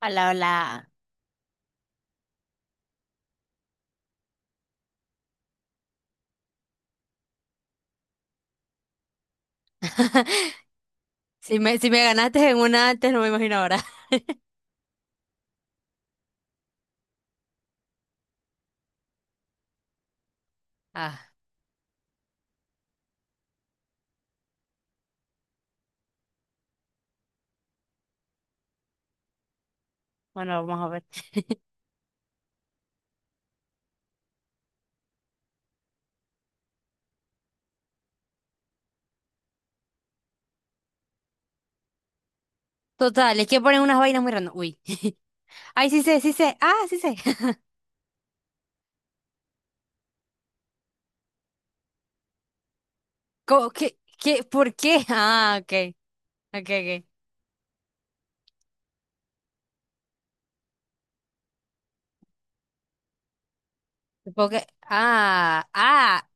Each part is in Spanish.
Hola, hola. Si me ganaste en una antes, no me imagino ahora. Ah, bueno, vamos a ver. Total, es que ponen unas vainas muy random. Uy. Ay, sí sé, sí sé. Ah, sí sé. ¿Cómo? ¿Qué? ¿Qué? ¿Por qué? Ah, ok. Ok, ok. Supongo que... Ah, ah.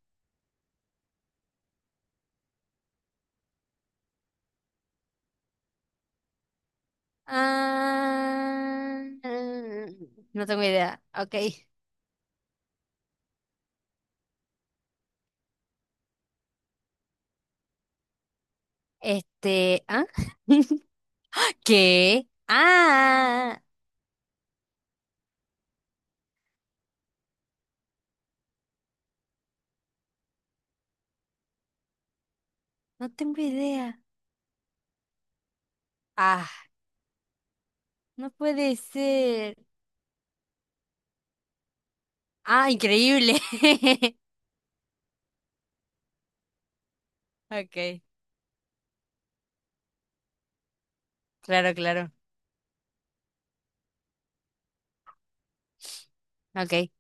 Ah. No tengo idea. Ok. Este... ¿Ah? ¿Qué? Ah. No tengo idea. Ah, no puede ser. Ah, increíble. Okay, claro, claro. Okay.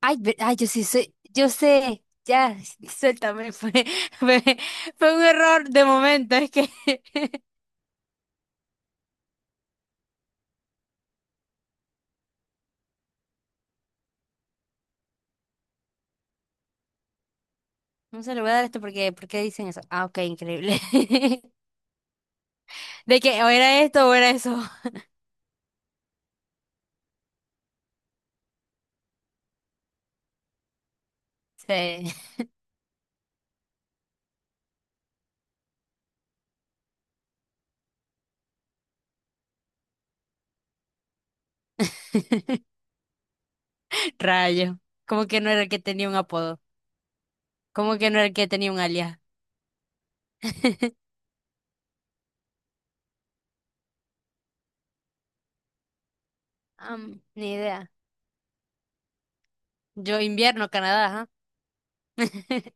Ay, ve- ay, yo sí sé, yo sé. Ya, suéltame. Fue, fue un error de momento. Es que no se lo voy a dar esto porque, ¿por qué dicen eso? Ah, okay, increíble. De que o era esto o era eso. Sí. Rayo. Como que no era el que tenía un apodo. Como que no era el que tenía un alias. Ni idea. Yo invierno, Canadá, ¿ah?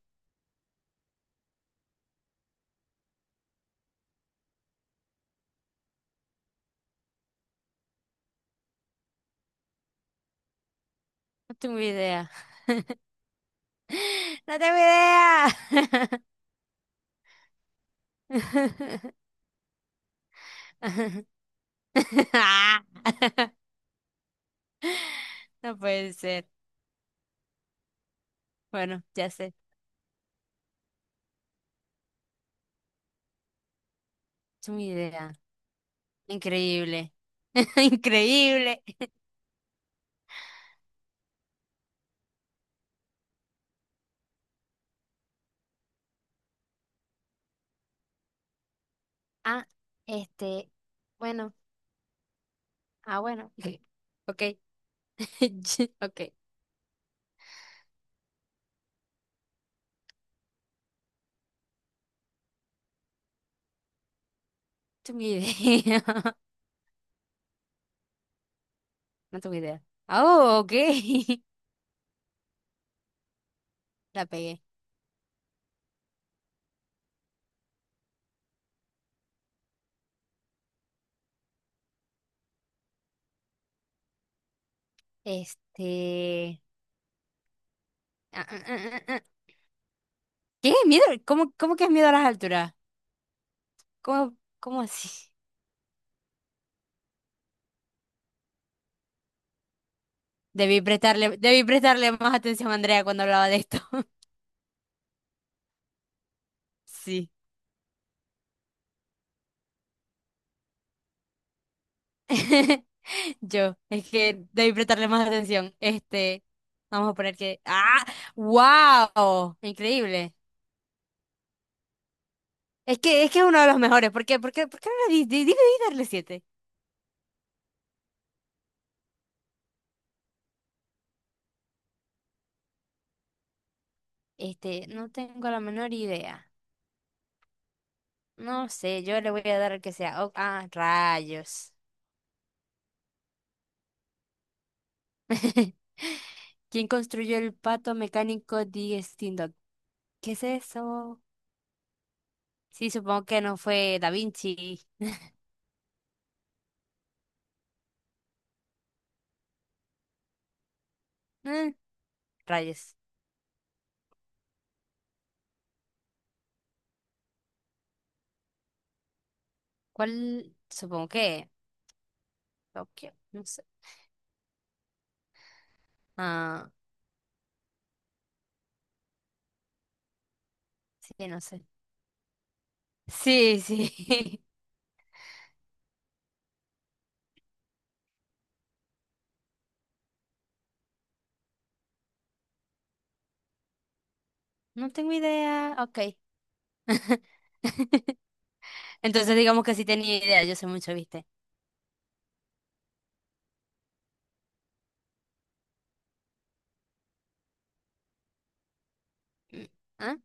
No tengo idea. No tengo idea. Ah, no puede ser. Bueno, ya sé. Es una idea. Increíble. Increíble. Ah, este. Bueno. Ah, bueno. Ok. Ch- Ok. Es una idea. No tengo idea. Ah, oh, ok. La pegué. Este. Ah, ah, ah, ah, ah. ¿Qué? ¿Miedo? ¿Cómo que es miedo a las alturas? ¿Cómo así? Debí prestarle más atención a Andrea cuando hablaba de esto. Sí. Yo, es que debí prestarle más atención. Este, vamos a poner que. ¡Ah! ¡Wow! Increíble. Es que es uno de los mejores. ¿Por qué? ¿Por qué no le di, di- di, di darle siete? Este, no tengo la menor idea. No sé, yo le voy a dar el que sea. Oh, ah, rayos. ¿Quién construyó el pato mecánico de Steam Dog? ¿Qué es eso? Sí, supongo que no fue Da Vinci. Eh, rayos. ¿Cuál? Supongo que Tokio, no sé. Ah, sí, no sé. Sí, sí. No tengo idea. Ok. Entonces digamos que sí tenía idea, yo sé mucho, ¿viste? Mm, ¿ah?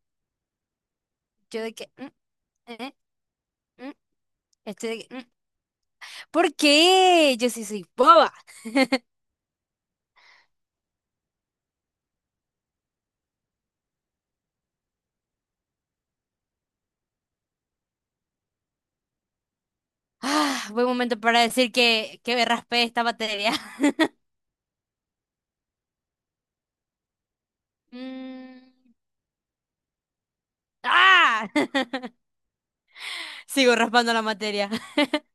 Yo de que... eh, mm, estoy de que... ¿Por qué? Yo sí soy boba. Ah, buen momento para decir que me raspé esta materia. Mm, ¡ah! Sigo raspando la materia.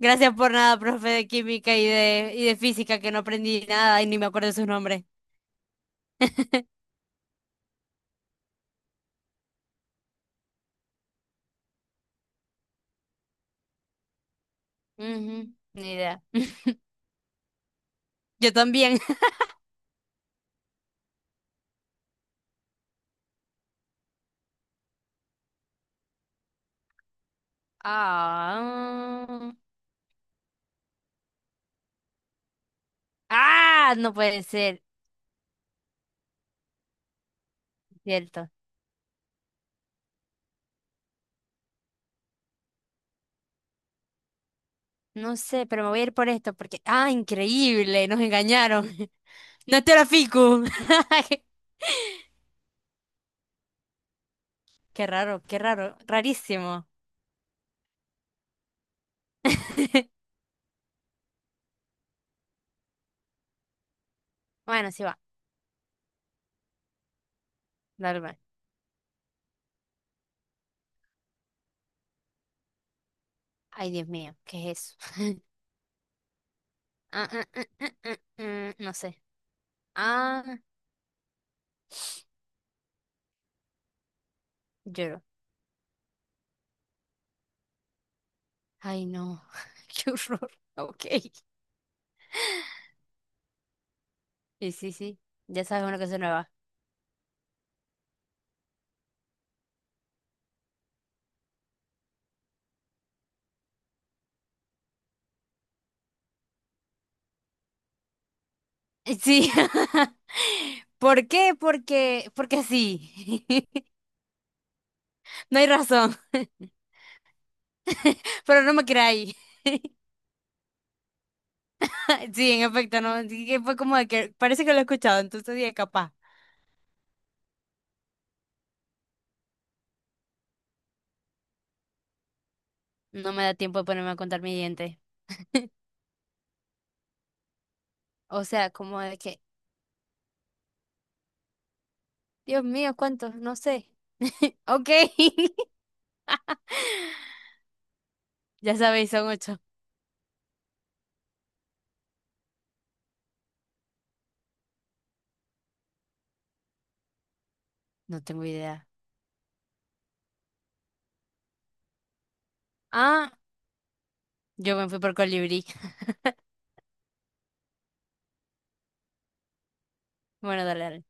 Gracias por nada, profe de química y de física, que no aprendí nada y ni me acuerdo de sus nombres. Ujú, ni idea. Yo también. Ah, ah, no puede ser, cierto. No sé, pero me voy a ir por esto porque, ah, increíble, nos engañaron. No te la fico. Qué raro, rarísimo. Bueno, sí va, dale, va. Ay, Dios mío, ¿qué es eso? Ah, ah, ah, ah, ah, ah, no sé. Ah, lloro. Ay, no. Qué horror. Ok. Sí, sí, sí. Ya sabes una cosa nueva. Sí. ¿Por qué? Porque, porque sí. No hay razón. Pero no me creáis. Sí, en efecto, no. Sí que fue como de que parece que lo he escuchado, entonces dije capaz. No me da tiempo de ponerme a contar mis dientes. O sea, como de que, Dios mío, ¿cuántos? No sé. Ok. Ya sabéis, son ocho. No tengo idea. Ah, yo me fui por colibrí. Bueno, dale, dale.